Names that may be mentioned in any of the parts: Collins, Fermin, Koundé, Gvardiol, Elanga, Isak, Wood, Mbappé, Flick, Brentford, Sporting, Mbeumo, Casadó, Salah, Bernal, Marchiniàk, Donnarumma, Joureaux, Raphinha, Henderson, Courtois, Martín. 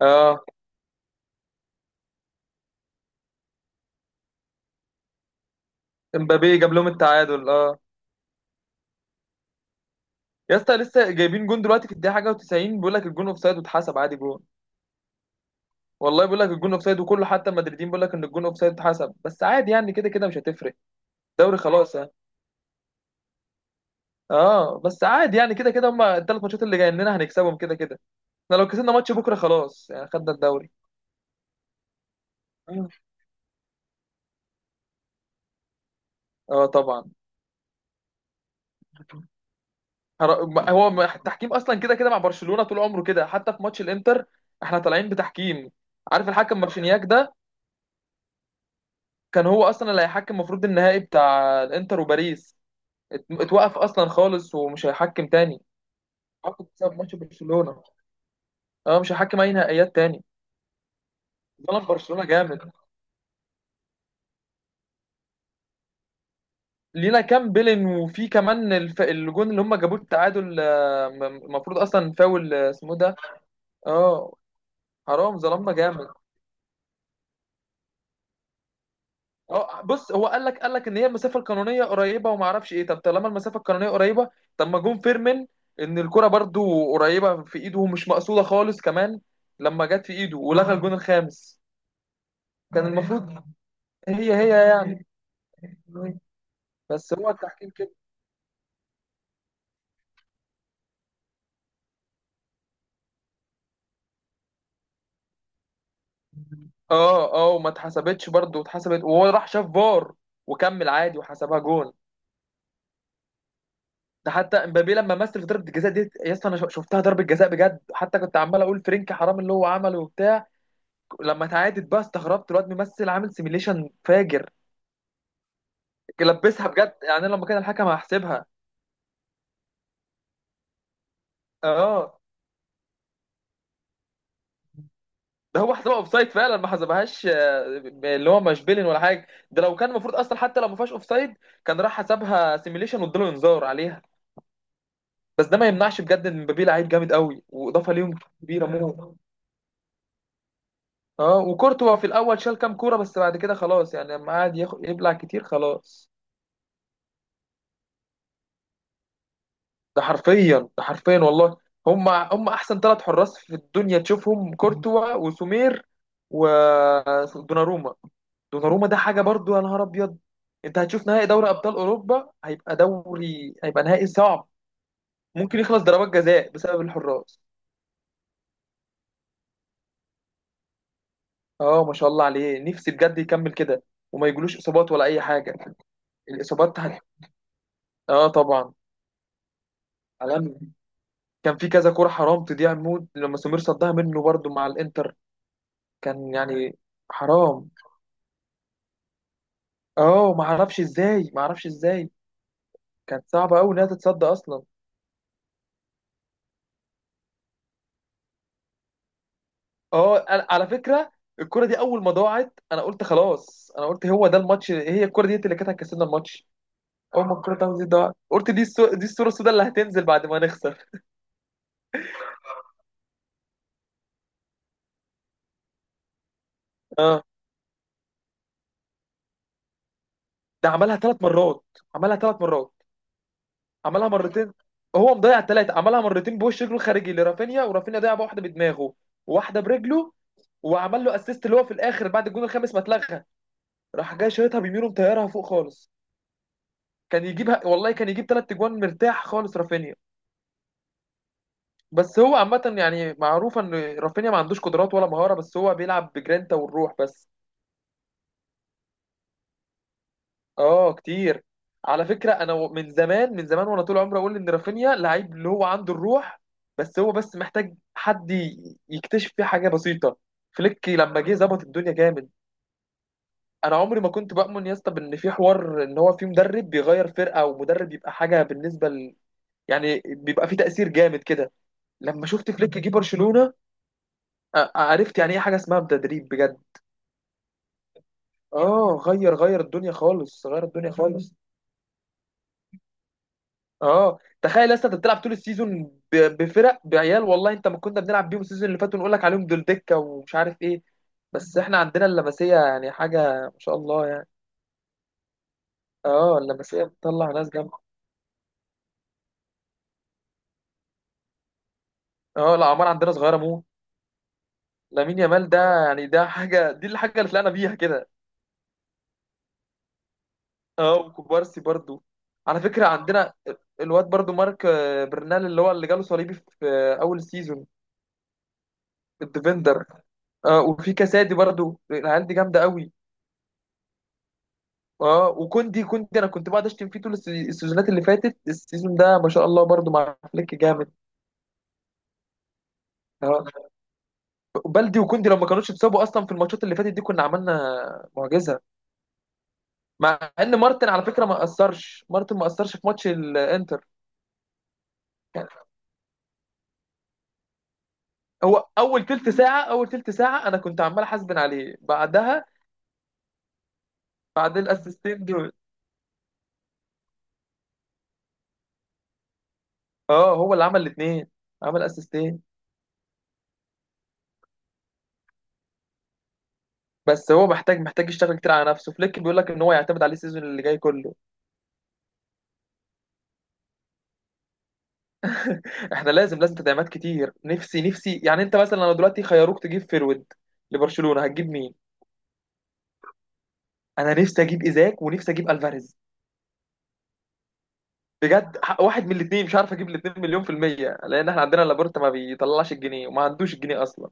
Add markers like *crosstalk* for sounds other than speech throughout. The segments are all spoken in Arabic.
اه، امبابي جاب لهم التعادل اه. يا اسطى لسه جايبين جون دلوقتي في الدقيقه حاجه و90، بيقول لك الجون اوفسايد واتحسب عادي جون. والله بيقول لك الجون اوفسايد، وكله حتى المدريدين بيقول لك ان الجون اوفسايد اتحسب، بس عادي يعني كده كده مش هتفرق. دوري خلاص يعني. اه، بس عادي يعني كده كده هم الثلاث ماتشات اللي جايين لنا هنكسبهم كده كده. احنا لو كسبنا ماتش بكره خلاص يعني خدنا الدوري. اه. آه طبعا. هر- ما- هو ما- التحكيم اصلا كده كده مع برشلونه طول عمره كده، حتى في ماتش الانتر. احنا طالعين بتحكيم. عارف الحكم مارشينياك ده؟ كان هو اصلا اللي هيحكم، المفروض النهائي بتاع الانتر وباريس. اتوقف اصلا خالص ومش هيحكم تاني، عقد بسبب ماتش برشلونه. اه مش هيحكم اي نهائيات تاني. ظلم برشلونه جامد. لينا كام بيلين، وفي كمان الجون اللي هم جابوه التعادل، المفروض اصلا فاول، اسمه إيه ده. اه حرام ظلمنا جامد. اه بص، هو قال لك ان هي المسافه القانونيه قريبه وما اعرفش ايه، طب طالما المسافه القانونيه قريبه، طب ما جون فيرمين ان الكره برضو قريبه في ايده ومش مقصوده خالص كمان، لما جت في ايده ولغى الجون الخامس كان المفروض هي هي يعني. بس هو التحكيم كده. اه اه، وما اتحسبتش برضه، اتحسبت وهو راح شاف فار وكمل عادي وحسبها جون. ده حتى امبابي لما مثل في ضربه الجزاء دي، يا اسطى انا شفتها ضربه جزاء بجد، حتى كنت عمال اقول فرينكي حرام اللي هو عمله وبتاع. لما تعادت بقى استغربت، الواد ممثل عامل سيميليشن فاجر. لبسها بجد، يعني أنا لما كان الحكم هحسبها. اه ده هو حسبها اوفسايد فعلا ما حسبهاش، اللي هو مش بيلين ولا حاجه، ده لو كان المفروض اصلا حتى لو ما فيهاش اوفسايد، كان راح حسبها سيميليشن واداله انذار عليها. بس ده ما يمنعش بجد ان مبابي لعيب جامد قوي، واضافه ليهم كبيره موت. اه، وكورتوا في الاول شال كام كوره، بس بعد كده خلاص يعني لما قعد ياخد يبلع كتير خلاص. ده حرفيا، ده حرفيا والله. هم احسن ثلاث حراس في الدنيا، تشوفهم كورتوا وسومير ودوناروما. دوناروما ده حاجه برضو، يا نهار ابيض. انت هتشوف نهائي دوري ابطال اوروبا، هيبقى دوري، هيبقى نهائي صعب، ممكن يخلص ضربات جزاء بسبب الحراس. اه ما شاء الله عليه، نفسي بجد يكمل كده وما يجيلوش اصابات ولا اي حاجه. الاصابات هت... *laughs* اه طبعا. عالمي. كان في كذا كوره حرام تضيع، مود لما سمير صدها منه برضو مع الانتر. كان يعني حرام. اه ما اعرفش ازاي، ما اعرفش ازاي. كانت صعبه قوي انها تتصد اصلا. اه على فكره، الكره دي اول ما ضاعت انا قلت خلاص، انا قلت هو ده الماتش، هي الكره دي اللي كانت هتكسبنا الماتش. اول ما الكره بتاعته دي ضاعت قلت دي دي الصوره السوداء اللي هتنزل بعد ما نخسر. اه ده عملها ثلاث مرات، عملها ثلاث مرات، عملها مرتين. هو مضيع الثلاثه، عملها مرتين بوش رجله الخارجي لرافينيا، ورافينيا ضيع واحده بدماغه وواحده برجله، وعمل له اسيست اللي هو في الاخر بعد الجون الخامس ما اتلغى، راح جاي شايطها بيمينه مطيرها فوق خالص. كان يجيبها، والله كان يجيب ثلاث اجوان مرتاح خالص رافينيا. بس هو عامة يعني معروف ان رافينيا ما عندوش قدرات ولا مهارة، بس هو بيلعب بجرينتا والروح بس. اه كتير. على فكرة انا من زمان من زمان وانا طول عمري اقول ان رافينيا لعيب اللي هو عنده الروح، بس هو بس محتاج حد يكتشف فيه حاجة بسيطة. فليك لما جه ظبط الدنيا جامد. انا عمري ما كنت بؤمن يا اسطى بان في حوار ان هو في مدرب بيغير فرقة ومدرب يبقى حاجة بالنسبة يعني بيبقى في تأثير جامد كده. لما شفت فليك جه برشلونة عرفت يعني ايه حاجة اسمها تدريب بجد. اه غير الدنيا خالص، غير الدنيا خالص. اه تخيل اصلا، انت بتلعب طول السيزون ب- بفرق بعيال، والله انت ما كنا بنلعب بيهم السيزون اللي فات ونقول لك عليهم دول دكة ومش عارف ايه. بس احنا عندنا اللمسية يعني حاجة، ما شاء الله يعني. اه اللمسية بتطلع ناس جامدة. اه الأعمار عندنا صغيرة موت. لامين يامال ده يعني، ده حاجة، دي الحاجة اللي طلعنا بيها كده. اه وكوبارسي برضو. على فكرة عندنا الواد برضو مارك برنال، اللي هو اللي جاله صليبي في أول سيزون. الديفندر. اه وفي كاسادي برضو، العيال دي جامدة قوي. اه وكوندي. كوندي أنا كنت بقعد أشتم فيه طول السيزونات اللي فاتت. السيزون ده ما شاء الله برضو مع فليك جامد. اه بلدي. وكوندي لو ما كانوش اتصابوا أصلا في الماتشات اللي فاتت دي كنا عملنا معجزة. مع إن مارتن على فكرة ما أثرش، مارتن ما أثرش في ماتش الإنتر. هو اول تلت ساعه، انا كنت عمال احاسبن عليه، بعدها بعد الاسيستين دول اه هو اللي عمل الاثنين، عمل اسيستين. بس هو محتاج، يشتغل كتير على نفسه. فليك بيقول لك ان هو يعتمد عليه السيزون اللي جاي كله. احنا لازم، تدعيمات كتير. نفسي، يعني انت مثلا لو دلوقتي خيروك تجيب فيرود لبرشلونه هتجيب مين؟ انا نفسي اجيب ايزاك ونفسي اجيب الفاريز بجد. واحد من الاثنين، مش عارف اجيب الاثنين، مليون في المية لان احنا عندنا لابورتا ما بيطلعش الجنيه وما عندوش الجنيه اصلا.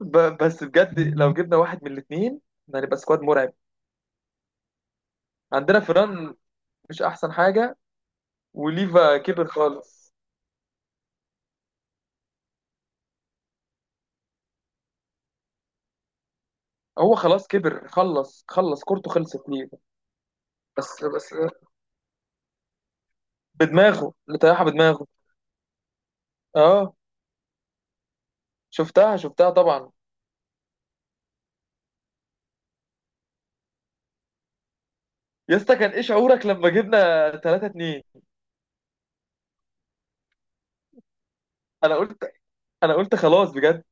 بس بجد لو جبنا واحد من الاثنين هنبقى سكواد مرعب. عندنا فيران، مش احسن حاجه. وليفا كبر خالص. هو خلاص كبر، خلص خلص كورته، خلصت ليفا. بس بدماغه، اللي طيحها بدماغه. اه شفتها طبعا. يا اسطى كان ايه شعورك لما جبنا 3-2؟ انا قلت انا قلت خلاص بجد.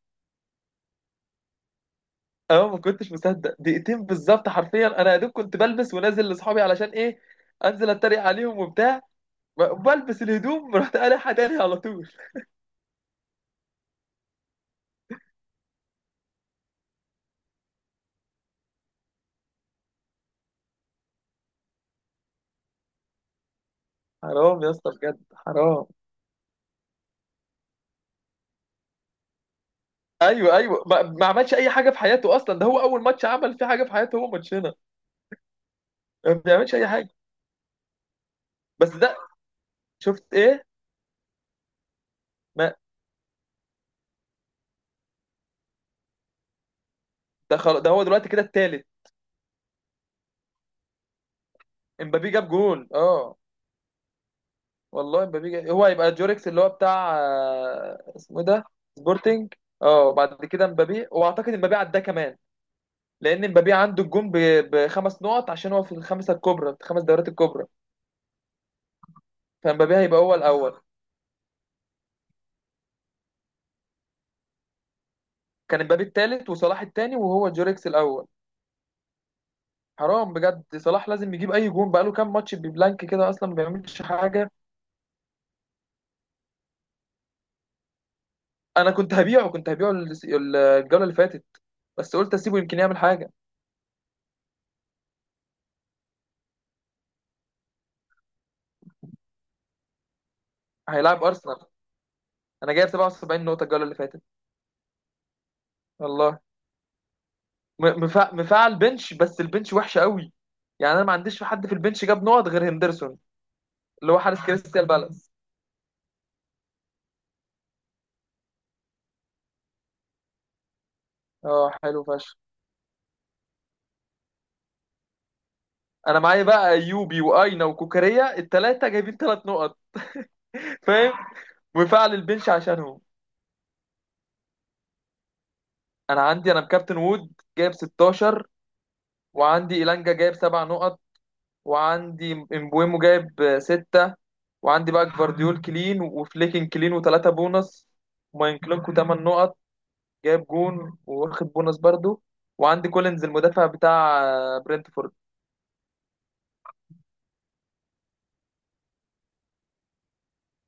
اه ما كنتش مصدق، دقيقتين بالظبط حرفيا. انا يا دوب كنت بلبس ونازل لاصحابي علشان ايه؟ انزل اتريق عليهم وبتاع. بلبس الهدوم رحت قالعها تاني على طول. حرام يا اسطى بجد حرام. ايوه ايوه ما عملش اي حاجه في حياته اصلا، ده هو اول ماتش عمل فيه حاجه في حياته هو ماتشنا. ما بيعملش اي حاجه. بس ده. شفت ايه؟ ما ده خلاص، ده هو دلوقتي كده التالت. امبابي جاب جول اه. والله امبابي جاب، هو هيبقى جوريكس اللي هو بتاع اسمه إيه ده. سبورتنج. اه وبعد كده امبابي، واعتقد امبابي عداه كمان، لان امبابي عنده الجون بخمس نقط عشان هو في الخمسه الكبرى في الخمس دورات الكبرى. فامبابي هيبقى هو الاول. كان امبابي التالت وصلاح التاني وهو جوريكس الاول. حرام بجد، صلاح لازم يجيب اي جون، بقاله كام ماتش ببلانك كده اصلا ما بيعملش حاجه. انا كنت هبيعه، كنت هبيعه الجوله اللي فاتت، بس قلت اسيبه يمكن يعمل حاجه. هيلاعب ارسنال. انا جايب 77 نقطه الجوله اللي فاتت والله. مفعل بنش، بس البنش وحشه قوي. يعني انا ما عنديش في حد في البنش جاب نقط غير هندرسون اللي هو حارس كريستال بالاس. اه حلو فشخ. انا معايا بقى ايوبي واينا وكوكاريا الثلاثه جايبين ثلاث نقط فاهم. مفعل البنش عشانهم. انا عندي، انا بكابتن وود جايب 16. وعندي إيلانجا جايب سبع نقط، وعندي امبويمو جايب ستة. وعندي بقى جفارديول كلين وفليكن كلين وثلاثة بونص. وماينكلونكو تمن نقط، جايب جون واخد بونص برضو. وعندي كولينز المدافع بتاع برنتفورد.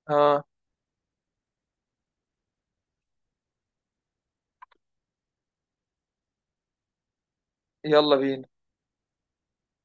ها، يلا بينا.